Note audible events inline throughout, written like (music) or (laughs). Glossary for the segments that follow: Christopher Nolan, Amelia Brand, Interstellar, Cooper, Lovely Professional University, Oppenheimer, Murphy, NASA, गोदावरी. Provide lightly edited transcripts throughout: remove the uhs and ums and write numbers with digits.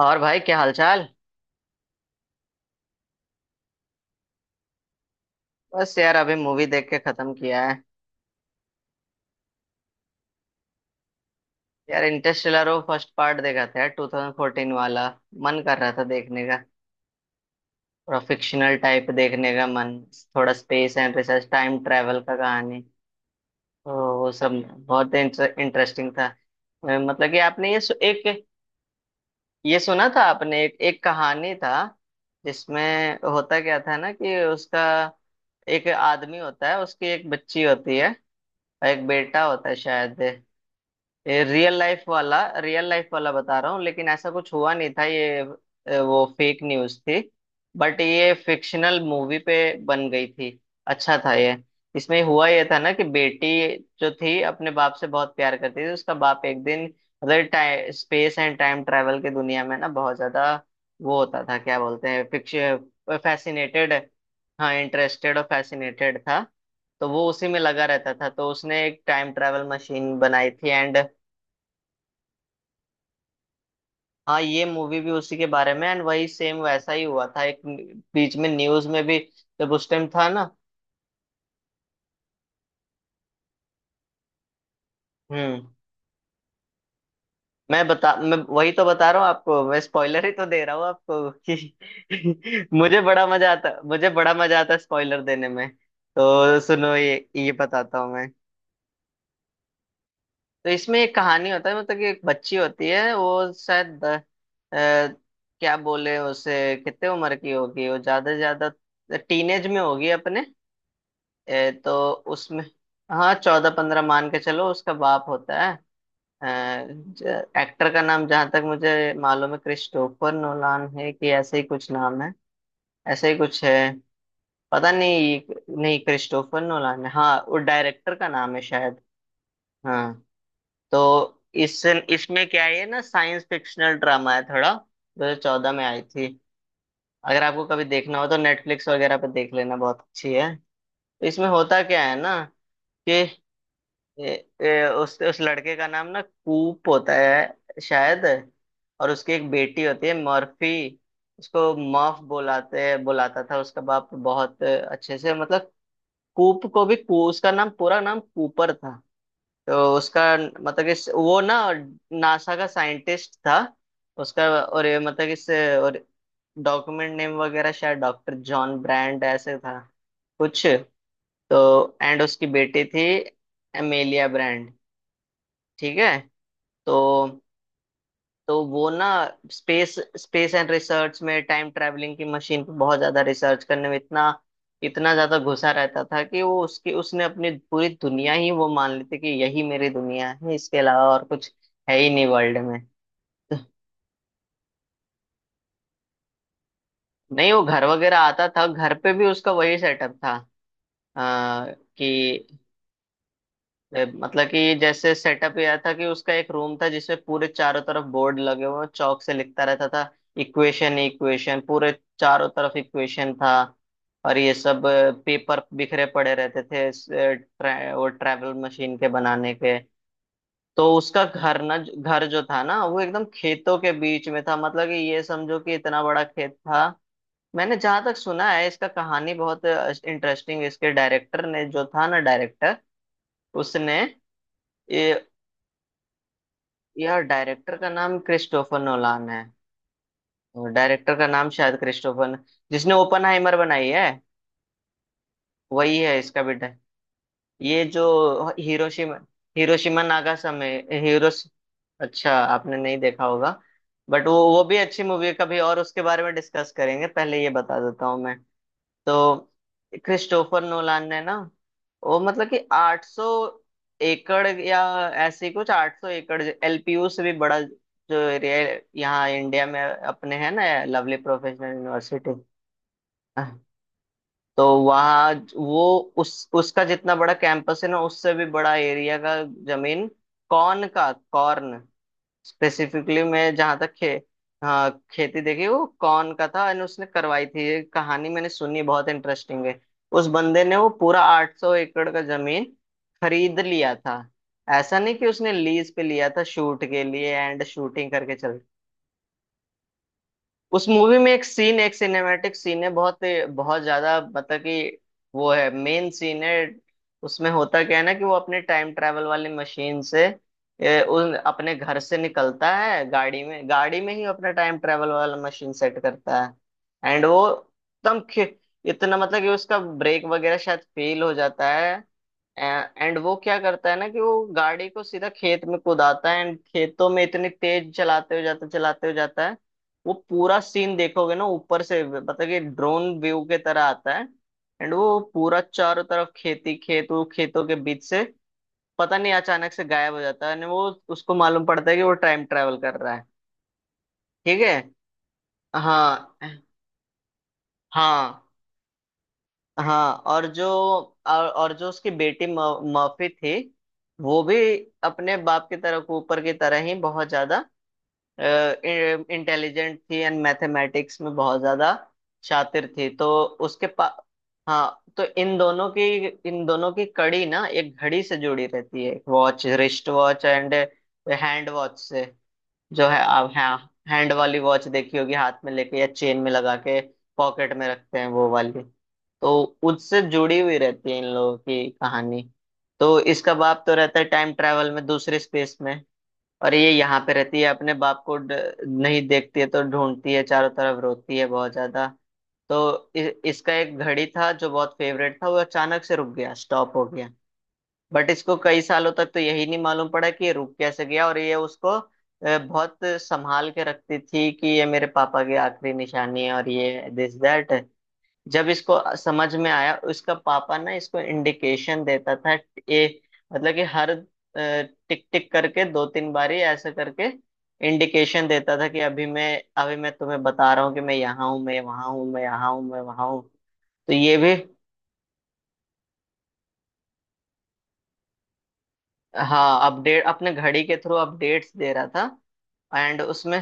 और भाई, क्या हालचाल? बस यार अभी मूवी देख के खत्म किया है। यार इंटरस्टेलर, वो फर्स्ट पार्ट देखा था यार, 2014 वाला। मन कर रहा था देखने का। थोड़ा फिक्शनल टाइप देखने का मन। थोड़ा space and research time travel का कहानी। तो वो सब बहुत इंटरेस्टिंग था। मतलब कि आपने एक, ये सुना था आपने, एक कहानी था जिसमें होता क्या था ना कि उसका एक आदमी होता है, उसकी एक बच्ची होती है और एक बेटा होता है शायद। ये रियल लाइफ वाला बता रहा हूँ, लेकिन ऐसा कुछ हुआ नहीं था ये। वो फेक न्यूज़ थी। बट ये फिक्शनल मूवी पे बन गई थी। अच्छा था ये। इसमें हुआ ये था ना कि बेटी जो थी अपने बाप से बहुत प्यार करती थी, उसका बाप एक दिन, मतलब स्पेस एंड टाइम ट्रैवल की दुनिया में ना, बहुत ज्यादा वो होता था, क्या बोलते हैं, फिक्शन फैसिनेटेड। हाँ, इंटरेस्टेड और फैसिनेटेड था। तो वो उसी में लगा रहता था, तो उसने एक टाइम ट्रैवल मशीन बनाई थी एंड। हाँ, ये मूवी भी उसी के बारे में एंड वही सेम वैसा ही हुआ था एक, बीच में न्यूज में भी, जब उस टाइम था ना। हम्म मैं बता, मैं वही तो बता रहा हूँ आपको, मैं स्पॉइलर ही तो दे रहा हूँ आपको कि (laughs) मुझे बड़ा मजा आता है स्पॉइलर देने में। तो सुनो, ये बताता हूँ मैं। तो इसमें एक कहानी होता है, मतलब कि एक बच्ची होती है, वो शायद क्या बोले उसे, कितने उम्र की होगी वो? ज्यादा से ज्यादा टीनेज में होगी अपने। तो उसमें, हाँ, 14-15 मान के चलो, उसका बाप होता है। एक्टर का नाम, जहां तक मुझे मालूम है, क्रिस्टोफर नोलान है कि ऐसे ही कुछ नाम है, ऐसे ही कुछ है, पता नहीं। नहीं, क्रिस्टोफर नोलान है, हाँ, वो डायरेक्टर का नाम है शायद। हाँ। तो इस इसमें क्या है, ये ना साइंस फिक्शनल ड्रामा है थोड़ा, 2014 में आई थी। अगर आपको कभी देखना हो तो नेटफ्लिक्स वगैरह पे देख लेना, बहुत अच्छी है। तो इसमें होता क्या है ना कि ए, ए, उस लड़के का नाम ना कूप होता है शायद, और उसकी एक बेटी होती है मर्फी। उसको मर्फ बुलाते बुलाता था उसका बाप, बहुत अच्छे से, मतलब। कूप को भी उसका नाम पूरा नाम कूपर था। तो उसका मतलब कि वो ना नासा का साइंटिस्ट था उसका, और ये मतलब कि इस, और, डॉक्यूमेंट नेम वगैरह शायद डॉक्टर जॉन ब्रांड ऐसे था कुछ। तो एंड उसकी बेटी थी एमेलिया ब्रांड। ठीक है? तो तो वो ना स्पेस स्पेस एंड रिसर्च में टाइम ट्रैवलिंग की मशीन पे बहुत ज्यादा रिसर्च करने में इतना, इतना ज्यादा घुसा रहता था कि वो उसकी, उसने अपनी पूरी दुनिया ही वो मान लेते कि यही मेरी दुनिया है, इसके अलावा और कुछ है ही नहीं वर्ल्ड में। नहीं, वो घर वगैरह आता था, घर पे भी उसका वही सेटअप था। आ, कि मतलब कि जैसे सेटअप यह था कि उसका एक रूम था जिसमें पूरे चारों तरफ बोर्ड लगे हुए हैं, चौक से लिखता रहता था, इक्वेशन इक्वेशन पूरे चारों तरफ इक्वेशन था, और ये सब पेपर बिखरे पड़े रहते थे वो ट्रैवल मशीन के बनाने के। तो उसका घर ना, घर जो था ना, वो एकदम खेतों के बीच में था, मतलब कि ये समझो कि इतना बड़ा खेत था। मैंने जहां तक सुना है, इसका कहानी बहुत इंटरेस्टिंग, इसके डायरेक्टर ने जो था ना, डायरेक्टर उसने ये, यार डायरेक्टर का नाम क्रिस्टोफर नोलान है, और डायरेक्टर का नाम शायद क्रिस्टोफर न-, जिसने ओपनहाइमर बनाई है वही है इसका बेटा, ये जो हिरोशिमा हिरोशिमा नागासाकी हिरोश, अच्छा आपने नहीं देखा होगा, बट वो भी अच्छी मूवी है, कभी और उसके बारे में डिस्कस करेंगे, पहले ये बता देता हूँ मैं। तो क्रिस्टोफर नोलान ने ना, वो मतलब कि 800 एकड़ या ऐसे ही कुछ, 800 एकड़ एलपीयू से भी बड़ा जो एरिया यहाँ इंडिया में अपने है ना, लवली प्रोफेशनल यूनिवर्सिटी। तो वहाँ वो उस उसका जितना बड़ा कैंपस है ना, उससे भी बड़ा एरिया का जमीन, कॉर्न का कॉर्न स्पेसिफिकली, मैं जहाँ तक खे, हाँ, खेती देखी वो कौन का था एंड उसने करवाई थी, ये कहानी मैंने सुनी है, बहुत इंटरेस्टिंग है। उस बंदे ने वो पूरा 800 एकड़ का जमीन खरीद लिया था। ऐसा नहीं कि उसने लीज पे लिया था शूट के लिए एंड शूटिंग करके चल। उस मूवी में एक सीन, एक सिनेमैटिक सीन है बहुत, बहुत ज्यादा, मतलब कि वो है, मेन सीन है। उसमें होता क्या है ना कि वो अपने टाइम ट्रैवल वाली मशीन से, उन अपने घर से निकलता है गाड़ी में, गाड़ी में ही अपना टाइम ट्रैवल वाला मशीन सेट करता है एंड वो एकदम खे-, इतना मतलब कि उसका ब्रेक वगैरह शायद फेल हो जाता है एंड वो क्या करता है ना कि वो गाड़ी को सीधा खेत में कुदाता है एंड खेतों में इतनी तेज चलाते हो जाता है। वो पूरा सीन देखोगे ना ऊपर से, मतलब कि ड्रोन व्यू के तरह आता है एंड वो पूरा चारों तरफ खेती, खेत, वो खेतों के बीच से पता नहीं अचानक से गायब हो जाता है, and वो, उसको मालूम पड़ता है कि वो टाइम ट्रेवल कर रहा है। ठीक है। हाँ, हाँ, हाँ, और जो उसकी बेटी मर्फी थी, वो भी अपने बाप की तरह, ऊपर की तरह ही बहुत ज्यादा इंटेलिजेंट थी एंड मैथमेटिक्स में बहुत ज्यादा शातिर थी, तो उसके पा, हाँ। तो इन दोनों की कड़ी ना एक घड़ी से जुड़ी रहती है, एक watch, wrist watch and hand watch से, जो है, आप हाँ, हैंड वाली वॉच देखी होगी हाथ में लेके या चेन में लगा के पॉकेट में रखते हैं वो वाली। तो उससे जुड़ी हुई रहती है इन लोगों की कहानी। तो इसका बाप तो रहता है टाइम ट्रैवल में, दूसरे स्पेस में, और ये यहाँ पे रहती है अपने बाप को नहीं देखती है, तो ढूंढती है चारों तरफ, रोती है बहुत ज्यादा। तो इसका एक घड़ी था जो बहुत फेवरेट था, वो अचानक से रुक गया, स्टॉप हो गया। बट इसको कई सालों तक तो यही नहीं मालूम पड़ा कि ये रुक कैसे गया, और ये उसको बहुत संभाल के रखती थी कि ये मेरे पापा की आखिरी निशानी है, और ये दिस दैट। जब इसको समझ में आया, उसका पापा ना इसको इंडिकेशन देता था, ये मतलब कि हर टिक टिक करके, दो तीन बारी ऐसे करके इंडिकेशन देता था कि अभी मैं तुम्हें बता रहा हूँ कि मैं यहाँ हूँ, मैं वहां हूँ, मैं यहाँ हूँ, मैं वहां हूँ। तो ये भी, हाँ, अपडेट, अपने घड़ी के थ्रू अपडेट्स दे रहा था एंड उसमें।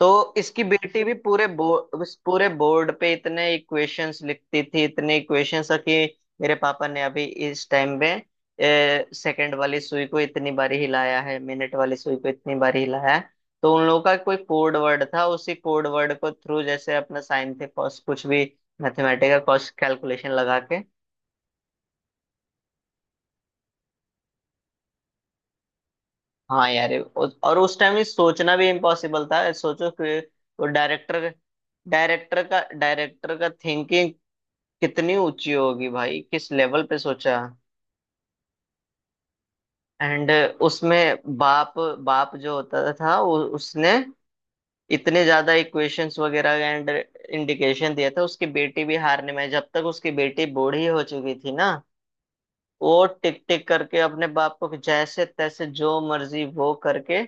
तो इसकी बेटी भी पूरे बोर्ड, पूरे बोर्ड पे इतने इक्वेशंस लिखती थी, इतने इक्वेशंस कि मेरे पापा ने अभी इस टाइम में सेकंड वाली सुई को इतनी बारी हिलाया है, मिनट वाली सुई को इतनी बारी हिलाया है। तो उन लोगों का कोई कोड वर्ड था, उसी कोड वर्ड को थ्रू, जैसे अपना साइन थे cos कुछ भी, मैथमेटिकल कॉस्ट कैलकुलेशन लगा के। हाँ यार, और उस टाइम ये सोचना भी इम्पॉसिबल था, सोचो कि वो डायरेक्टर, डायरेक्टर का थिंकिंग कितनी ऊंची होगी भाई, किस लेवल पे सोचा। एंड उसमें बाप बाप जो होता था, वो उसने इतने ज्यादा इक्वेशंस वगैरह एंड इंडिकेशन दिया था, उसकी बेटी भी, हारने में, जब तक उसकी बेटी बूढ़ी हो चुकी थी ना, वो टिक टिक करके अपने बाप को जैसे तैसे जो मर्जी वो करके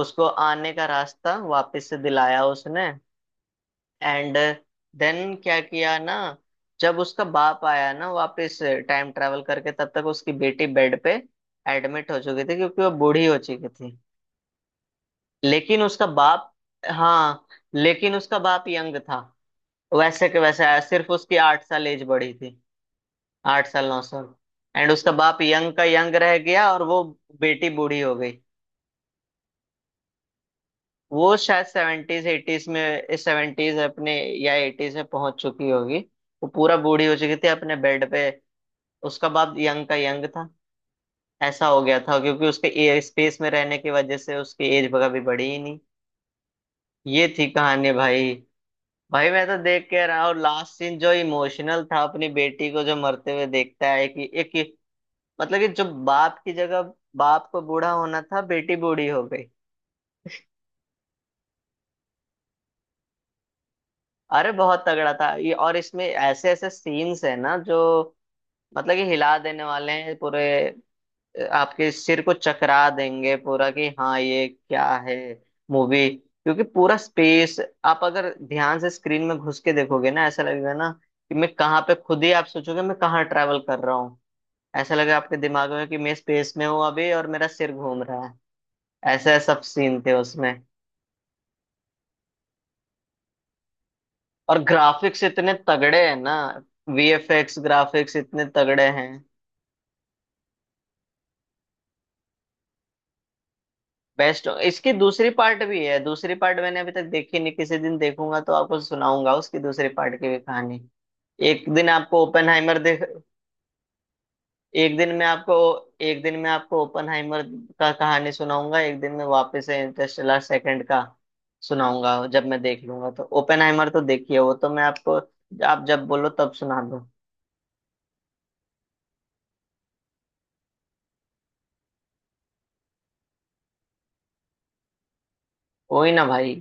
उसको आने का रास्ता वापस से दिलाया उसने। एंड देन क्या किया ना, जब उसका बाप आया ना वापस, टाइम ट्रैवल करके, तब तक उसकी बेटी बेड पे एडमिट हो चुकी थी, क्योंकि वो बूढ़ी हो चुकी थी, लेकिन उसका बाप, हाँ, लेकिन उसका बाप यंग था, वैसे के वैसे आया, सिर्फ उसकी 8 साल एज बढ़ी थी, 8 साल 9 साल एंड उसका बाप यंग का यंग रह गया, और वो बेटी बूढ़ी हो गई। वो शायद सेवेंटीज, एटीज में, सेवेंटीज अपने या एटीज में पहुंच चुकी होगी, वो पूरा बूढ़ी हो चुकी थी अपने बेड पे, उसका बाप यंग का यंग था। ऐसा हो गया था क्योंकि उसके एयर स्पेस में रहने की वजह से उसकी एज कभी बढ़ी ही नहीं। ये थी कहानी भाई। भाई मैं तो देख के रहा, और लास्ट सीन जो इमोशनल था, अपनी बेटी को जो मरते हुए देखता है कि एक, मतलब कि जो बाप की जगह बाप को बूढ़ा होना था, बेटी बूढ़ी हो गई। अरे बहुत तगड़ा था ये, और इसमें ऐसे ऐसे सीन्स है ना जो, मतलब कि हिला देने वाले हैं पूरे, आपके सिर को चकरा देंगे पूरा कि हाँ ये क्या है मूवी, क्योंकि पूरा स्पेस, आप अगर ध्यान से स्क्रीन में घुस के देखोगे ना, ऐसा लगेगा ना कि मैं कहाँ पे, खुद ही आप सोचोगे मैं कहाँ ट्रैवल कर रहा हूँ, ऐसा लगेगा आपके दिमाग में कि मैं स्पेस में हूँ अभी और मेरा सिर घूम रहा है। ऐसे सब सीन थे उसमें। और ग्राफिक्स इतने तगड़े हैं ना, वीएफएक्स ग्राफिक्स इतने तगड़े हैं। बेस्ट, इसकी दूसरी पार्ट भी है, दूसरी पार्ट मैंने अभी तक देखी नहीं, किसी दिन देखूंगा तो आपको सुनाऊंगा उसकी दूसरी पार्ट की भी कहानी। एक दिन आपको ओपेनहाइमर देख, एक दिन में आपको, एक दिन में आपको ओपेनहाइमर का कहानी सुनाऊंगा, एक दिन में वापस से इंटरस्टेलर सेकंड का सुनाऊंगा जब मैं देख लूंगा, तो ओपेनहाइमर तो देखिए, वो तो मैं आपको, आप जब बोलो तब सुना दो। कोई ना भाई,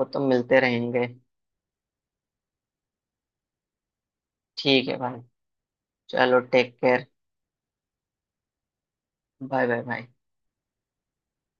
वो तो मिलते रहेंगे। ठीक है भाई। चलो take care. Bye bye bye.